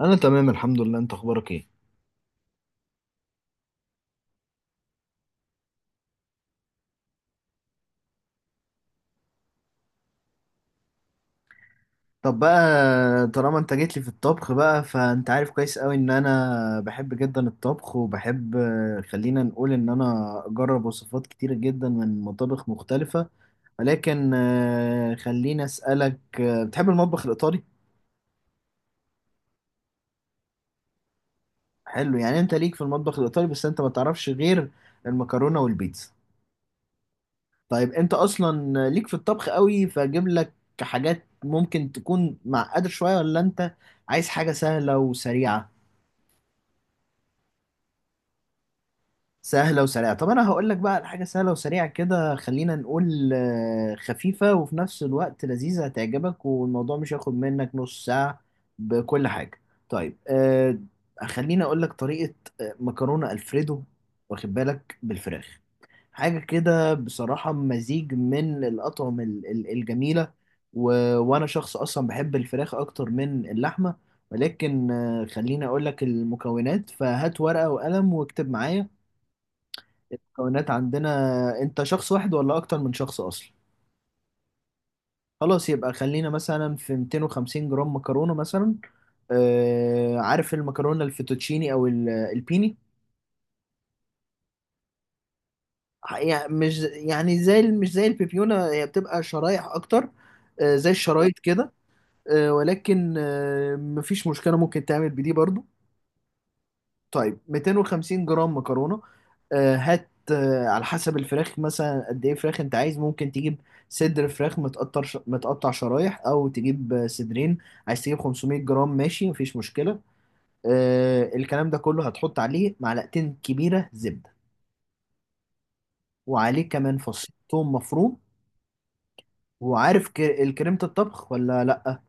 انا تمام، الحمد لله. انت اخبارك ايه؟ طب بقى، طالما انت جيت لي في الطبخ بقى، فانت عارف كويس قوي ان انا بحب جدا الطبخ وبحب، خلينا نقول ان انا اجرب وصفات كتيرة جدا من مطابخ مختلفة. ولكن خليني اسألك، بتحب المطبخ الايطالي؟ حلو، يعني انت ليك في المطبخ الايطالي بس انت ما تعرفش غير المكرونة والبيتزا. طيب انت اصلا ليك في الطبخ قوي، فاجيب لك حاجات ممكن تكون معقدة شوية، ولا انت عايز حاجة سهلة وسريعة؟ سهلة وسريعة. طب أنا هقول لك بقى على حاجة سهلة وسريعة كده، خلينا نقول خفيفة وفي نفس الوقت لذيذة، هتعجبك. والموضوع مش هياخد منك نص ساعة بكل حاجة. طيب خليني أقول لك طريقة مكرونة ألفريدو. واخد بالك؟ بالفراخ، حاجة كده بصراحة مزيج من الأطعمة الجميلة. و... وأنا شخص أصلا بحب الفراخ أكتر من اللحمة. ولكن خليني أقول لك المكونات. فهات ورقة وقلم واكتب معايا. مكونات عندنا، انت شخص واحد ولا اكتر من شخص اصلا؟ خلاص، يبقى خلينا مثلا في 250 جرام مكرونة مثلا. آه، عارف المكرونة الفيتوتشيني او البيني؟ يعني مش يعني زي مش زي البيبيونة، هي بتبقى شرايح اكتر، آه زي الشرايط كده. آه ولكن آه مفيش مشكلة، ممكن تعمل بدي برضو. طيب 250 جرام مكرونة. هات على حسب الفراخ، مثلا قد ايه فراخ انت عايز؟ ممكن تجيب صدر فراخ متقطع متقطع شرايح، او تجيب صدرين. عايز تجيب 500 جرام؟ ماشي مفيش مشكلة. الكلام ده كله هتحط عليه معلقتين كبيرة زبدة، وعليه كمان فص ثوم مفروم. وعارف الكريمة الطبخ ولا لأ؟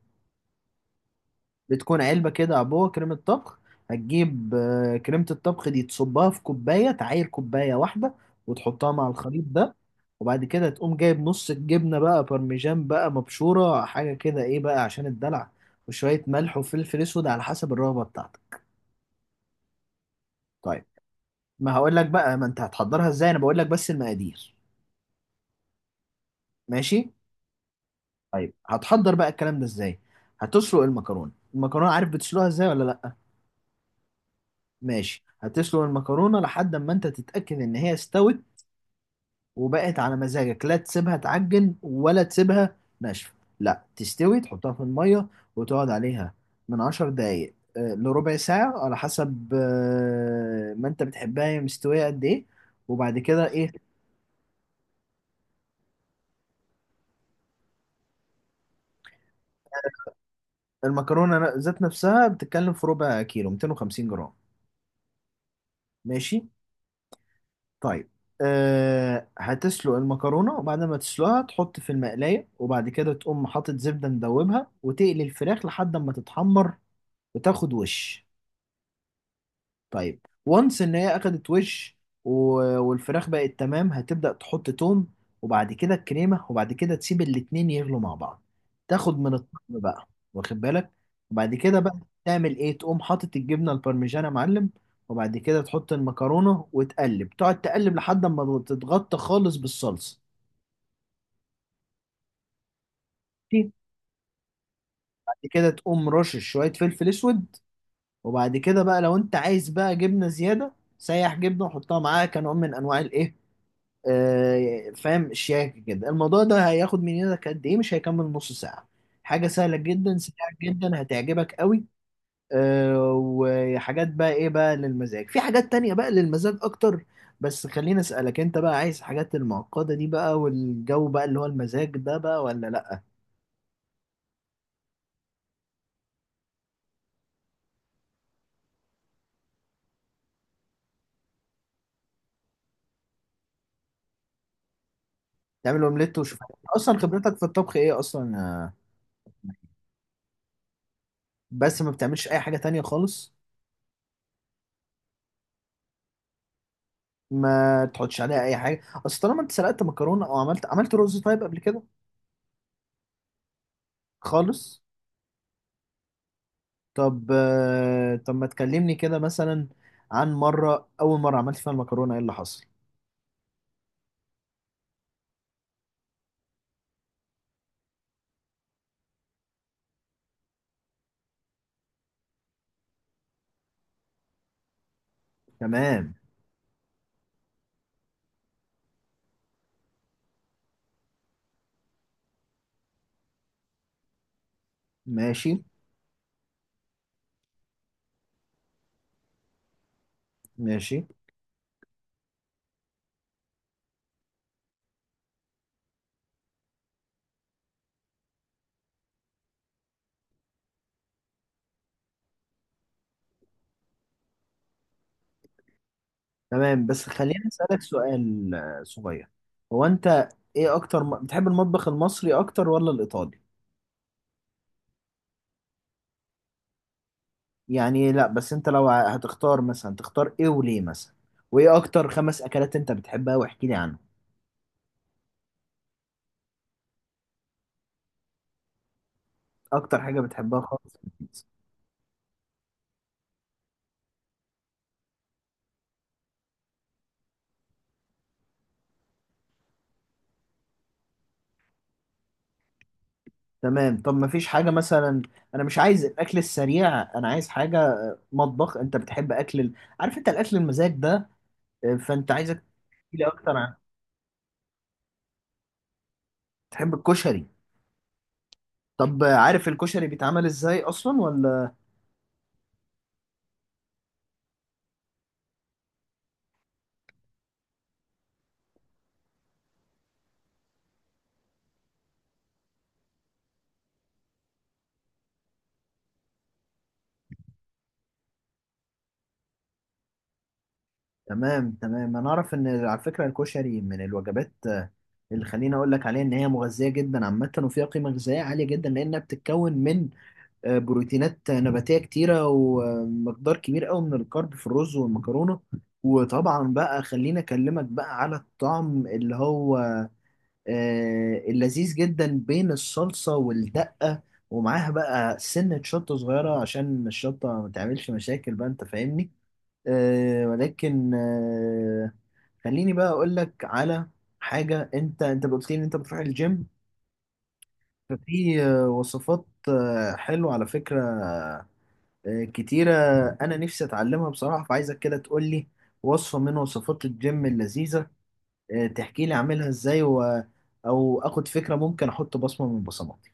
بتكون علبة كده، عبوة كريمة طبخ. هتجيب كريمة الطبخ دي تصبها في كوباية، تعاير كوباية واحدة، وتحطها مع الخليط ده. وبعد كده تقوم جايب نص الجبنة بقى بارميجان بقى، مبشورة، حاجة كده ايه بقى عشان الدلع. وشوية ملح وفلفل اسود على حسب الرغبة بتاعتك. طيب، ما هقول لك بقى ما انت هتحضرها ازاي، انا بقول لك بس المقادير. ماشي. طيب هتحضر بقى الكلام ده ازاي. هتسلق المكرونة. المكرونة عارف بتسلقها ازاي ولا لا؟ ماشي، هتسلق المكرونة لحد ما انت تتأكد ان هي استوت وبقت على مزاجك، لا تسيبها تعجن ولا تسيبها ناشفة. لا تستوي، تحطها في المية وتقعد عليها من 10 دقايق لربع ساعة على حسب ما انت بتحبها هي مستوية قد ايه. وبعد كده ايه. المكرونة ذات نفسها بتتكلم في ربع كيلو، 250 جرام. ماشي. طيب، أه هتسلق المكرونة، وبعد ما تسلقها تحط في المقلاية، وبعد كده تقوم حاطط زبدة مدوبها وتقلي الفراخ لحد ما تتحمر وتاخد وش. طيب وانس ان هي اخدت وش، والفراخ بقت تمام، هتبدأ تحط توم، وبعد كده الكريمة، وبعد كده تسيب الاتنين يغلوا مع بعض. تاخد من الطعم بقى. واخد بالك. وبعد كده بقى تعمل ايه؟ تقوم حاطط الجبنة البارميجانا يا معلم. وبعد كده تحط المكرونة وتقلب، تقعد تقلب لحد ما تتغطى خالص بالصلصة. بعد كده تقوم رشش شوية فلفل اسود. وبعد كده بقى لو انت عايز بقى جبنة زيادة، سيح جبنة وحطها معاها كنوع من انواع الايه، فاهم، شياكة كده. الموضوع ده هياخد من يدك قد ايه؟ مش هيكمل نص ساعة. حاجة سهلة جدا سريعة جدا، هتعجبك قوي. وحاجات بقى ايه بقى للمزاج، في حاجات تانية بقى للمزاج اكتر. بس خليني اسألك، انت بقى عايز حاجات المعقدة دي بقى، والجو بقى اللي هو المزاج ده بقى، ولا لا؟ تعمل اومليت وشوف. اصلا خبرتك في الطبخ ايه اصلا، بس ما بتعملش اي حاجة تانية خالص؟ ما تحطش عليها اي حاجة. اصل طالما انت سلقت مكرونة او عملت رز طيب قبل كده. خالص. طب طب ما تكلمني كده مثلا عن مرة أول مرة عملت فيها المكرونة، إيه اللي حصل؟ تمام. ماشي ماشي. تمام. بس خليني أسألك سؤال صغير. هو أنت إيه أكتر بتحب المطبخ المصري أكتر ولا الإيطالي؟ يعني لا، بس أنت لو هتختار مثلا، تختار إيه وليه مثلا؟ وإيه أكتر 5 أكلات أنت بتحبها؟ واحكي لي عنهم. أكتر حاجة بتحبها خالص؟ تمام. طب ما فيش حاجة مثلا؟ أنا مش عايز الأكل السريع، أنا عايز حاجة مطبخ. أنت بتحب أكل عارف أنت الأكل المزاج ده. فأنت عايزك تحكيلي أكتر عن، تحب الكشري. طب عارف الكشري بيتعمل إزاي أصلا ولا؟ تمام تمام. أنا أعرف إن على فكرة الكشري من الوجبات اللي خليني أقول لك عليها إن هي مغذية جدا عامة، وفيها قيمة غذائية عالية جدا، لأنها بتتكون من بروتينات نباتية كتيرة، ومقدار كبير قوي من الكارب في الرز والمكرونة. وطبعا بقى خليني أكلمك بقى على الطعم اللي هو اللذيذ جدا بين الصلصة والدقة. ومعاها بقى سنة شطة صغيرة عشان الشطة ما تعملش مشاكل بقى، أنت فاهمني. ولكن خليني بقى أقول لك على حاجة. أنت قلت لي إن أنت بتروح الجيم، ففي وصفات حلوة على فكرة كتيرة أنا نفسي أتعلمها بصراحة. فعايزك كده تقول لي وصفة من وصفات الجيم اللذيذة. تحكي لي أعملها إزاي أو آخد فكرة، ممكن أحط بصمة من بصماتي.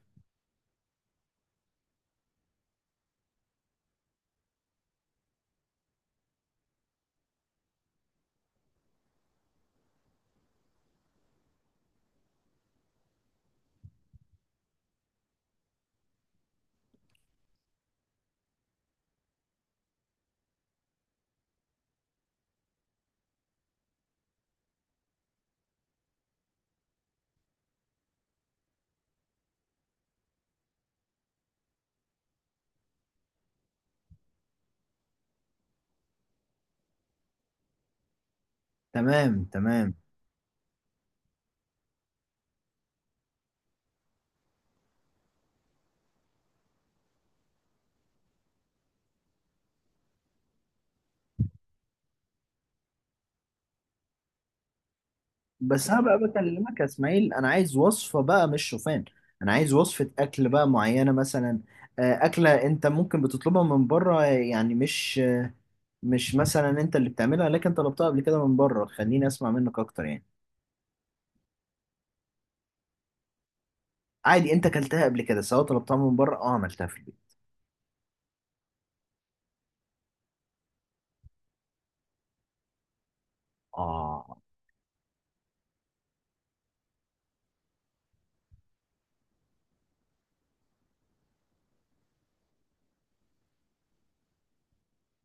تمام تمام. بس أنا بقى بكلمك يا إسماعيل، أنا عايز وصفة بقى مش شوفان. أنا عايز وصفة أكل بقى معينة مثلا، أكلة أنت ممكن بتطلبها من بره يعني، مش مثلا أنت اللي بتعملها، لكن طلبتها قبل كده من بره. خليني أسمع منك أكتر يعني. عادي أنت أكلتها قبل كده سواء طلبتها من بره أو عملتها في البيت. آه.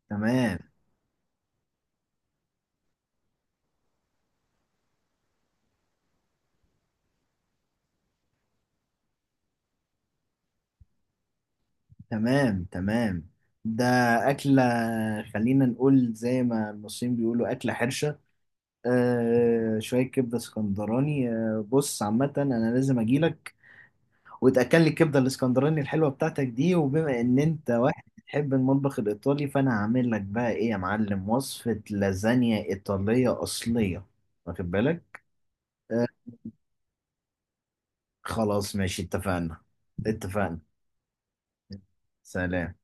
تمام تمام. تمام. ده أكلة، خلينا نقول زي ما المصريين بيقولوا أكلة حرشة، آه، شوية كبدة اسكندراني. آه بص، عامة أنا لازم أجيلك وتأكل لي الكبدة الاسكندراني الحلوة بتاعتك دي. وبما إن أنت واحد بتحب المطبخ الإيطالي، فأنا هعمل لك بقى إيه يا معلم؟ وصفة لازانيا إيطالية أصلية. واخد بالك؟ آه. خلاص ماشي، اتفقنا اتفقنا. سلام.